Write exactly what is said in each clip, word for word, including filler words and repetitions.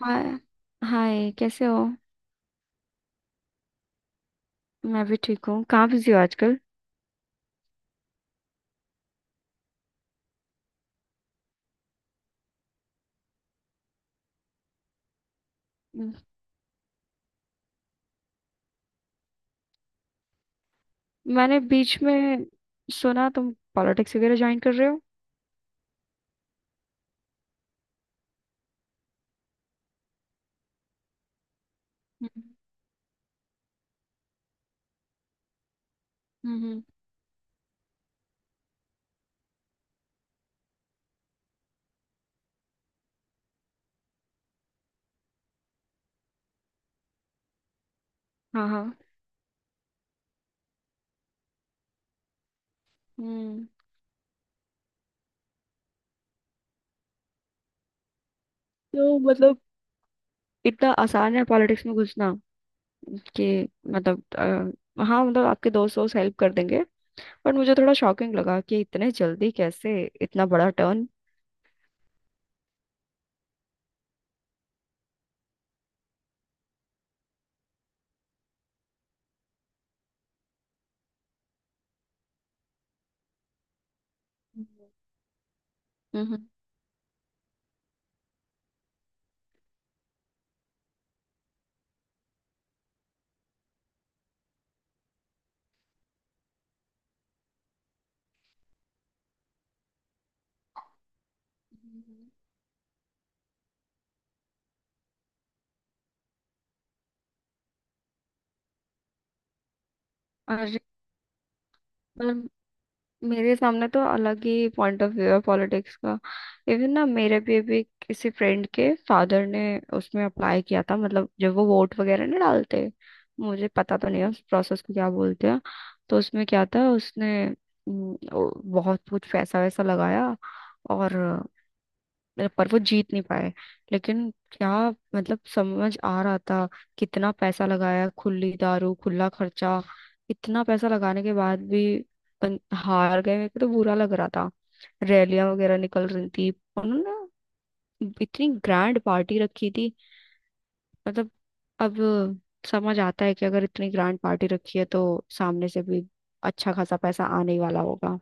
हाय। Hi, कैसे हो? मैं भी ठीक हूँ। कहाँ बिजी हो आजकल? हम्म। मैंने बीच में सुना तुम पॉलिटिक्स वगैरह ज्वाइन कर रहे हो। हम्म, हम्म। हाँ, हाँ। हम्म। तो मतलब इतना आसान है पॉलिटिक्स में घुसना कि? मतलब, अ, हाँ, मतलब आपके दोस्त दोस्त हेल्प कर देंगे। पर मुझे थोड़ा शॉकिंग लगा कि इतने जल्दी कैसे, इतना बड़ा टर्न। हम्म, हम्म। हम्म। हम्म। अरे, मेरे सामने तो अलग ही पॉइंट ऑफ व्यू है पॉलिटिक्स का। इवन ना, मेरे भी अभी किसी फ्रेंड के फादर ने उसमें अप्लाई किया था, मतलब जब वो वोट वगैरह नहीं डालते। मुझे पता तो नहीं है उस प्रोसेस को क्या बोलते हैं। तो उसमें क्या था, उसने हम्म, ओ- बहुत कुछ पैसा वैसा लगाया। और, पर वो जीत नहीं पाए। लेकिन क्या, मतलब समझ आ रहा था, कितना पैसा लगाया, खुली दारू, खुला खर्चा। इतना पैसा लगाने के बाद भी बन- हार गए। मेरे को तो बुरा लग रहा था। रैलियां वगैरह निकल रही थी। उन्होंने इतनी ग्रैंड पार्टी रखी थी। मतलब अब समझ आता है कि अगर इतनी ग्रैंड पार्टी रखी है तो सामने से भी अच्छा खासा पैसा आने ही वाला होगा।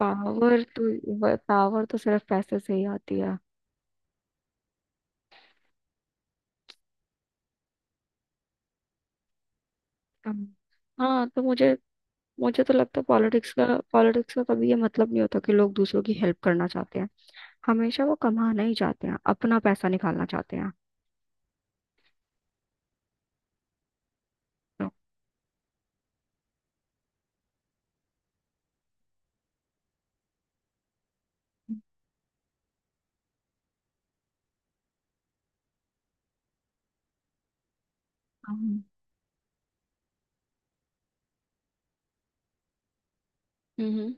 पावर तो, पावर तो सिर्फ पैसे से ही आती है। हम्म। हाँ, तो मुझे मुझे तो लगता है पॉलिटिक्स का, पॉलिटिक्स का कभी ये मतलब नहीं होता कि लोग दूसरों की हेल्प करना चाहते हैं। हमेशा वो कमाना ही चाहते हैं, अपना पैसा निकालना चाहते हैं। तो, हम्म, हम्म,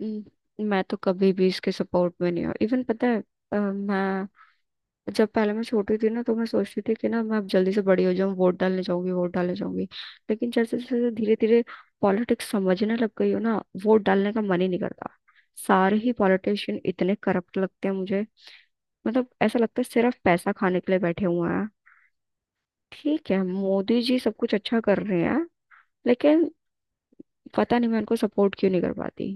हम्म, मैं तो कभी भी इसके सपोर्ट में नहीं हूँ, इवन पता है। अ, मैं, जब पहले मैं छोटी थी ना, तो मैं सोचती थी कि ना मैं अब जल्दी से बड़ी हो जाऊं, वोट डालने जाऊंगी, वोट डालने जाऊंगी। लेकिन जैसे जैसे धीरे धीरे पॉलिटिक्स समझने लग गई हो ना, वोट डालने का मन ही नहीं करता। सारे ही पॉलिटिशियन इतने करप्ट लगते हैं मुझे। मतलब ऐसा लगता है सिर्फ पैसा खाने के लिए बैठे हुए हैं। ठीक है, मोदी जी सब कुछ अच्छा कर रहे हैं, लेकिन पता नहीं मैं उनको सपोर्ट क्यों नहीं कर पाती।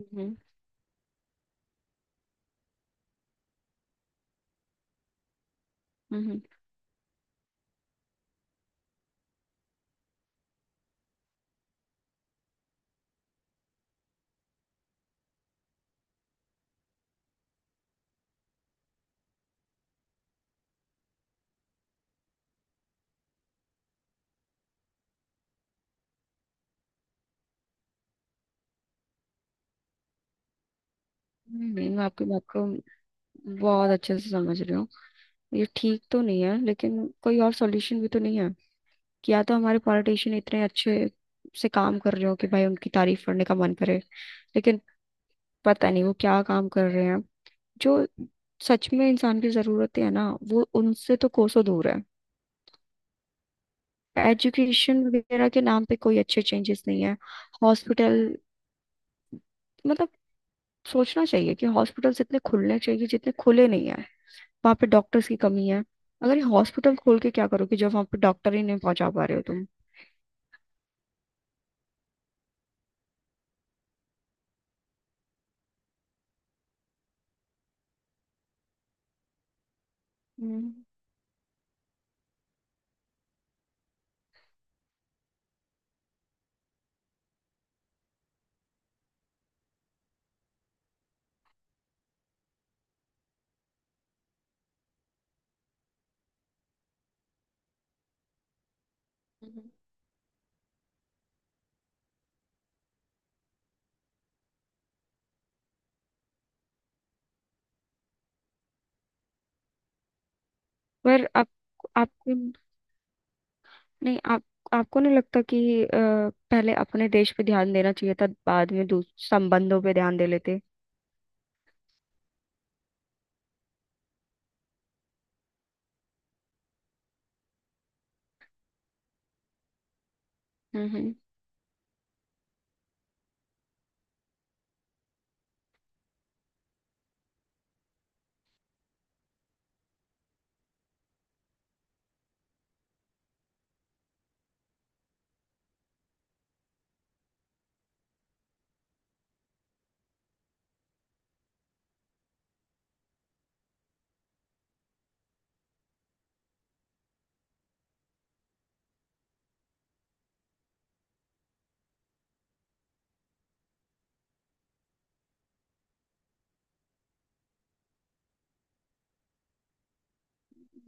हम्म, हम्म। नहीं, नहीं, मैं आपकी बात को बहुत अच्छे से समझ रही हूँ। ये ठीक तो नहीं है, लेकिन कोई और सॉल्यूशन भी तो नहीं है। या तो हमारे पॉलिटिशियन इतने अच्छे से काम कर रहे हो कि भाई उनकी तारीफ करने का मन करे। लेकिन पता नहीं वो क्या काम कर रहे हैं, जो सच में इंसान की जरूरतें है ना, वो उनसे तो कोसों दूर है। एजुकेशन वगैरह के नाम पे कोई अच्छे चेंजेस नहीं है। हॉस्पिटल, मतलब सोचना चाहिए कि हॉस्पिटल्स इतने खुलने चाहिए, जितने खुले नहीं है। वहां पे डॉक्टर्स की कमी है। अगर ये हॉस्पिटल खोल के क्या करोगे, जब वहां पे डॉक्टर ही नहीं पहुंचा पा रहे हो तुम। हम्म, हम्म। पर आप आप नहीं, आप, आपको नहीं लगता कि अ, पहले अपने देश पे ध्यान देना चाहिए था, बाद में दूस- संबंधों पे ध्यान दे लेते? हम्म, हम्म।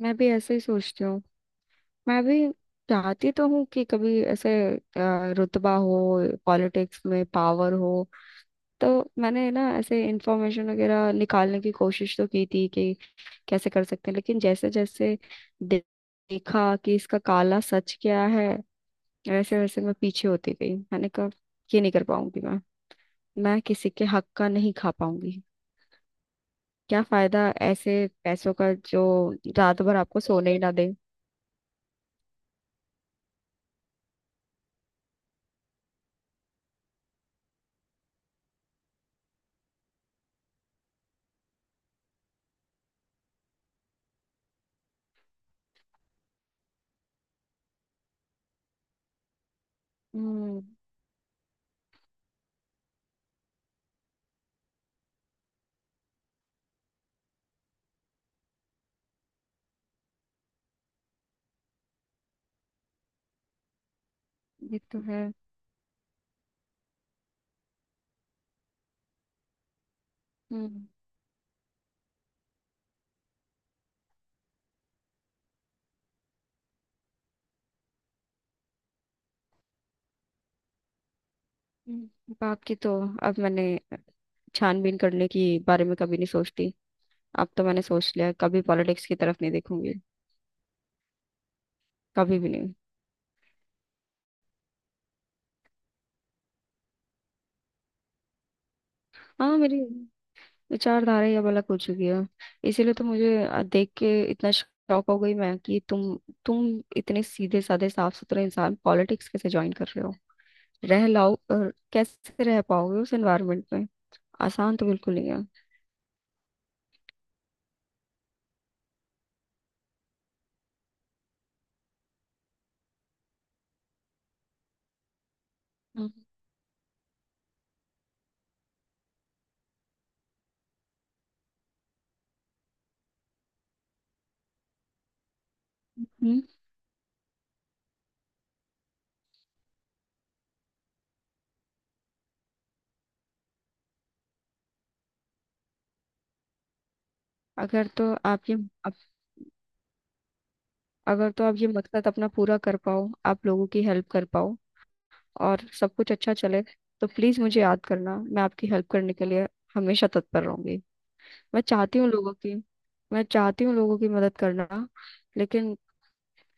मैं भी ऐसे ही सोचती हूँ। मैं भी चाहती तो हूँ कि कभी ऐसे अ, रुतबा हो, पॉलिटिक्स में पावर हो, तो मैंने ना ऐसे इंफॉर्मेशन वगैरह निकालने की कोशिश तो की थी कि कैसे कर सकते हैं। लेकिन जैसे जैसे दे- देखा कि इसका काला सच क्या है, वैसे वैसे मैं पीछे होती गई। मैंने कहा ये नहीं कर पाऊंगी मैं। मैं किसी के हक का नहीं खा पाऊंगी। क्या फायदा ऐसे पैसों का जो रात भर आपको सोने ही ना दे। हम्म। ये तो है। हम्म, हम्म। बाप की तो, अब मैंने छानबीन करने की बारे में कभी नहीं सोचती। अब तो मैंने सोच लिया कभी पॉलिटिक्स की तरफ नहीं देखूंगी, कभी भी नहीं। हाँ, मेरी विचारधारा ही अब अलग हो चुकी है। इसीलिए तो मुझे अ, देख के इतना शौक हो गई मैं कि तुम तुम इतने सीधे साधे साफ सुथरे इंसान पॉलिटिक्स कैसे ज्वाइन कर रहे हो? रह लाओ और कैसे रह पाओगे उस एनवायरनमेंट में? आसान तो बिल्कुल नहीं है। हम्म। अगर तो आप ये आप, अगर तो आप ये मकसद अपना पूरा कर पाओ, आप लोगों की हेल्प कर पाओ और सब कुछ अच्छा चले, तो प्लीज मुझे याद करना। मैं आपकी हेल्प करने के लिए हमेशा तत्पर रहूंगी। मैं चाहती हूँ लोगों की मैं चाहती हूँ लोगों की मदद करना। लेकिन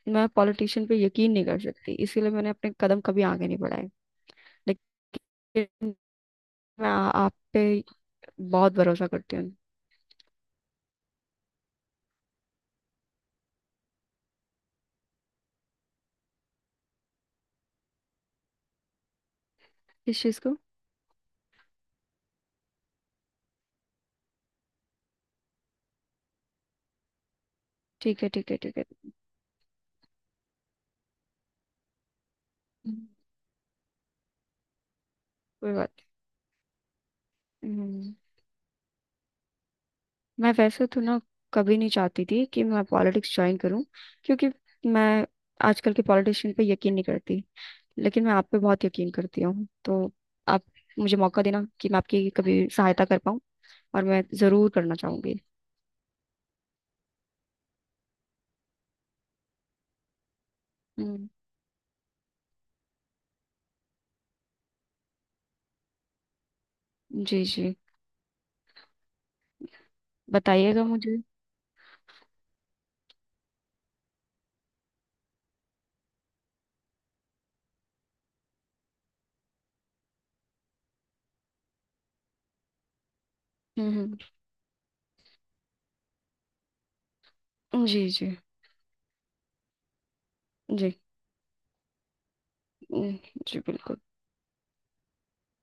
मैं पॉलिटिशियन पे यकीन नहीं कर सकती, इसीलिए मैंने अपने कदम कभी आगे नहीं बढ़ाए। लेकिन मैं आ- आप पे बहुत भरोसा करती हूँ। किस चीज को? ठीक है, ठीक है, ठीक है। हम्म, कोई बात नहीं। हम्म, मैं वैसे तो ना कभी नहीं चाहती थी कि मैं पॉलिटिक्स ज्वाइन करूं, क्योंकि मैं आजकल के पॉलिटिशियन पे यकीन नहीं करती। लेकिन मैं आप पे बहुत यकीन करती हूँ, तो आप मुझे मौका देना कि मैं आपकी कभी सहायता कर पाऊँ, और मैं जरूर करना चाहूंगी। हम्म, जी, जी। बताइएगा मुझे। हम्म, हम्म। जी, जी, जी। हम्म, जी बिल्कुल।